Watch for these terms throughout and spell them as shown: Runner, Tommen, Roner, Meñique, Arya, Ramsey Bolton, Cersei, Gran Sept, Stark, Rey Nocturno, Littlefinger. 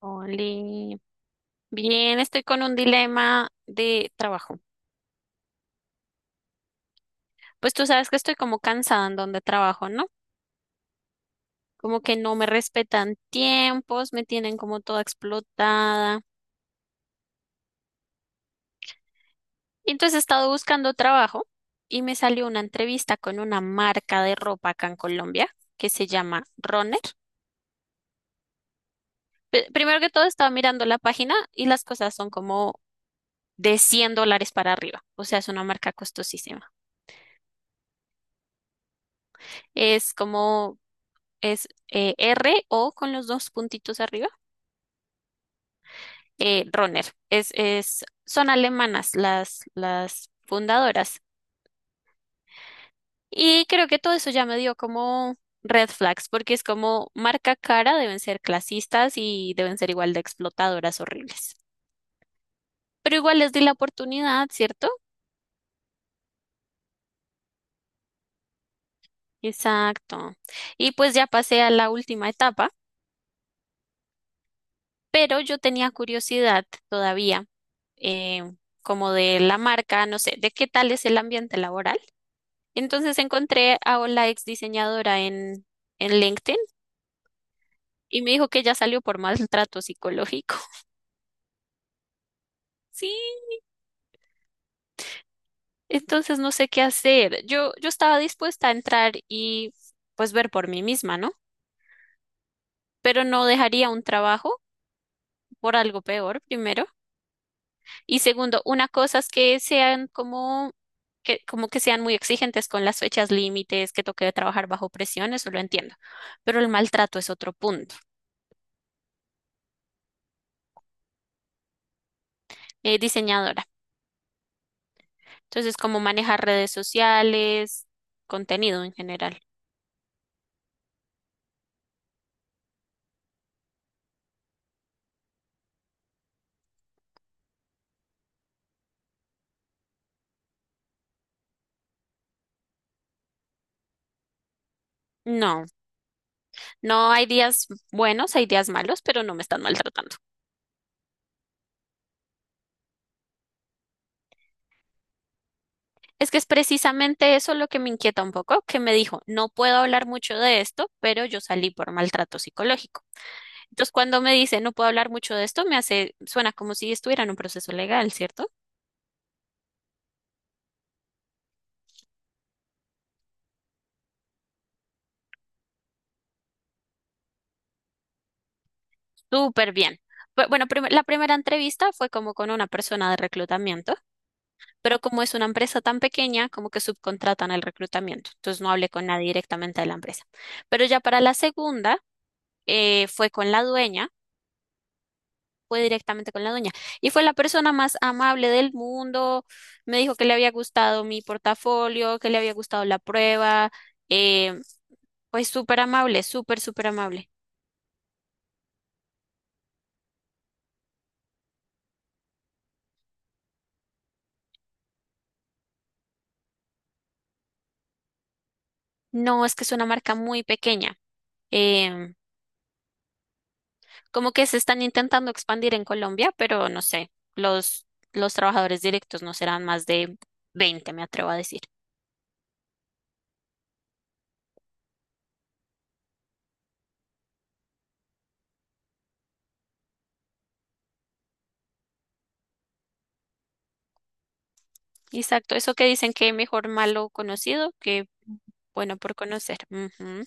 Oli. Bien, estoy con un dilema de trabajo. Pues tú sabes que estoy como cansada en donde trabajo, ¿no? Como que no me respetan tiempos, me tienen como toda explotada. Y entonces he estado buscando trabajo y me salió una entrevista con una marca de ropa acá en Colombia que se llama Runner. Primero que todo estaba mirando la página y las cosas son como de $100 para arriba, o sea, es una marca costosísima. Es como es R o con los dos puntitos arriba. Roner. Son alemanas las fundadoras. Y creo que todo eso ya me dio como red flags, porque es como marca cara, deben ser clasistas y deben ser igual de explotadoras horribles. Pero igual les di la oportunidad, ¿cierto? Exacto. Y pues ya pasé a la última etapa, pero yo tenía curiosidad todavía, eh, como de la marca, no sé, de qué tal es el ambiente laboral. Entonces encontré a la ex diseñadora en LinkedIn y me dijo que ya salió por maltrato psicológico. Sí, entonces no sé qué hacer. Yo estaba dispuesta a entrar y pues ver por mí misma, ¿no? Pero no dejaría un trabajo por algo peor, primero. Y segundo, una cosa es que sean como que sean muy exigentes con las fechas límites, que toque trabajar bajo presión, eso lo entiendo. Pero el maltrato es otro punto. Diseñadora. Entonces, ¿cómo manejar redes sociales, contenido en general? No, no hay días buenos, hay días malos, pero no me están maltratando. Es que es precisamente eso lo que me inquieta un poco, que me dijo, no puedo hablar mucho de esto, pero yo salí por maltrato psicológico. Entonces, cuando me dice, no puedo hablar mucho de esto, me hace, suena como si estuviera en un proceso legal, ¿cierto? Súper bien. Bueno, la primera entrevista fue como con una persona de reclutamiento. Pero como es una empresa tan pequeña, como que subcontratan el reclutamiento. Entonces no hablé con nadie directamente de la empresa. Pero ya para la segunda, fue con la dueña, fue directamente con la dueña. Y fue la persona más amable del mundo. Me dijo que le había gustado mi portafolio, que le había gustado la prueba. Eh, pues súper amable, súper, súper amable. No, es que es una marca muy pequeña. em, Como que se están intentando expandir en Colombia, pero no sé, los, los trabajadores directos no serán más de 20, me atrevo a decir. Exacto, eso que dicen que mejor malo conocido que bueno por conocer. Ujú.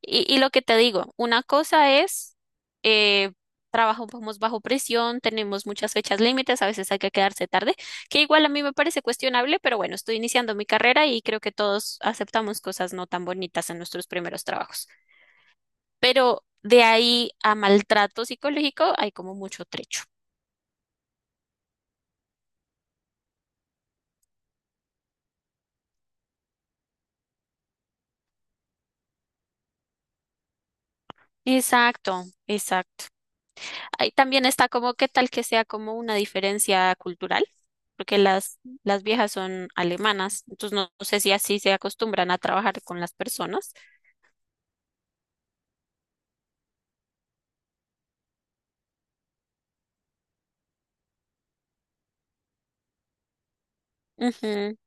Y lo que te digo, una cosa es, eh, trabajamos bajo presión, tenemos muchas fechas límites, a veces hay que quedarse tarde, que igual a mí me parece cuestionable, pero bueno, estoy iniciando mi carrera y creo que todos aceptamos cosas no tan bonitas en nuestros primeros trabajos. Pero de ahí a maltrato psicológico hay como mucho trecho. Exacto, exacto. Ahí también está como qué tal que sea como una diferencia cultural, porque las viejas son alemanas, entonces no, no sé si así se acostumbran a trabajar con las personas. Ujú,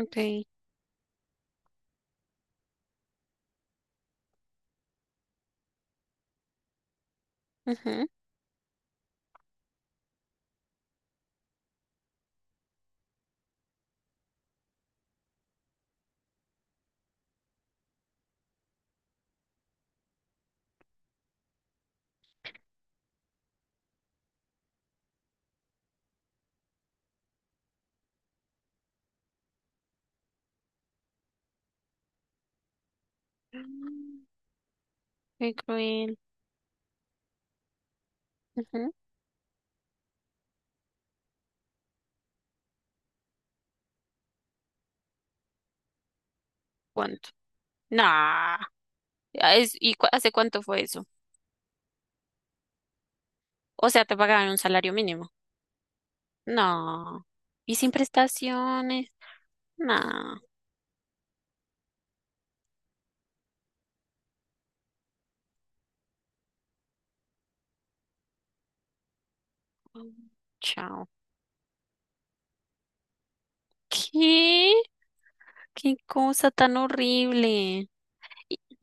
ok, ujú. Mm, qué cruel. Ujú. ¿Cuánto? Nah. Ah, ¿y hace cuánto fue eso? O sea, te pagaban un salario mínimo. No. Y sin prestaciones. Nah. Mm, chao. ¿Qué? Qué cosa tan horrible. Y-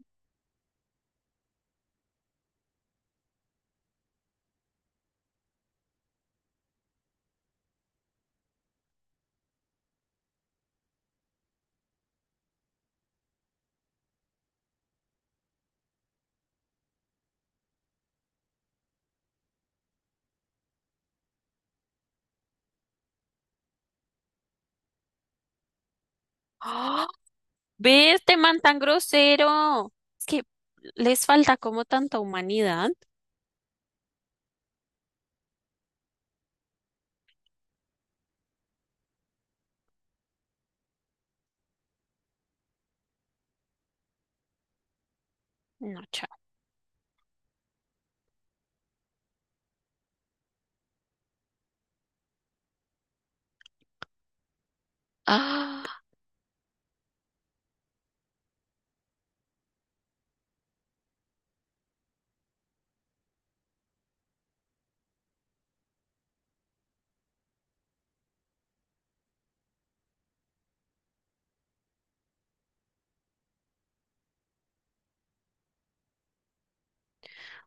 Ve este man tan grosero. Es que les falta como tanta humanidad. No, chao. Ah,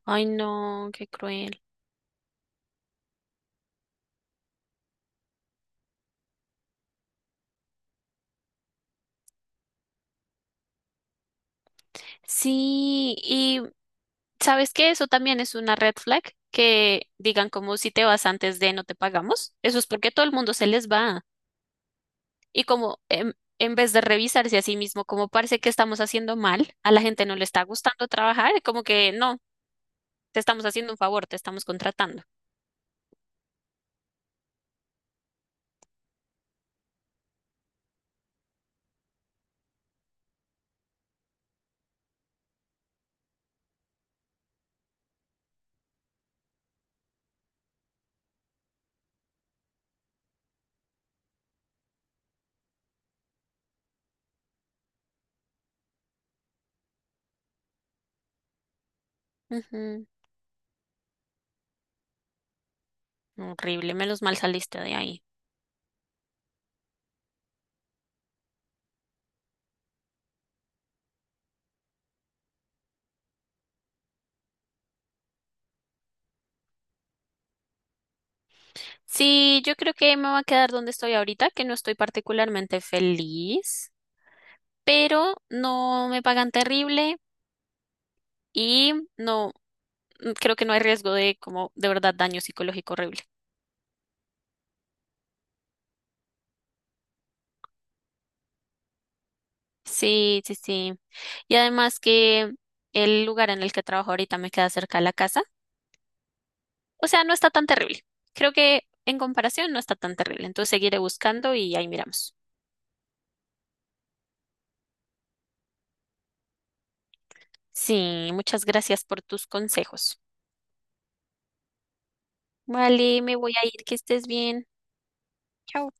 ay, no, qué cruel. Sí, y ¿sabes qué? Eso también es una red flag que digan como si te vas antes de no te pagamos. Eso es porque todo el mundo se les va. Y como en vez de revisarse a sí mismo, como parece que estamos haciendo mal, a la gente no le está gustando trabajar, como que no. Te estamos haciendo un favor, te estamos contratando. Ujú, horrible, menos mal saliste de ahí. Sí, yo creo que me voy a quedar donde estoy ahorita, que no estoy particularmente feliz, pero no me pagan terrible y no, creo que no hay riesgo de como de verdad daño psicológico horrible. Sí, sí, sí. Y además que el lugar en el que trabajo ahorita me queda cerca de la casa. O sea, no está tan terrible. Creo que en comparación no está tan terrible. Entonces seguiré buscando y ahí miramos. Sí, muchas gracias por tus consejos. Vale, me voy a ir, que estés bien. Chao.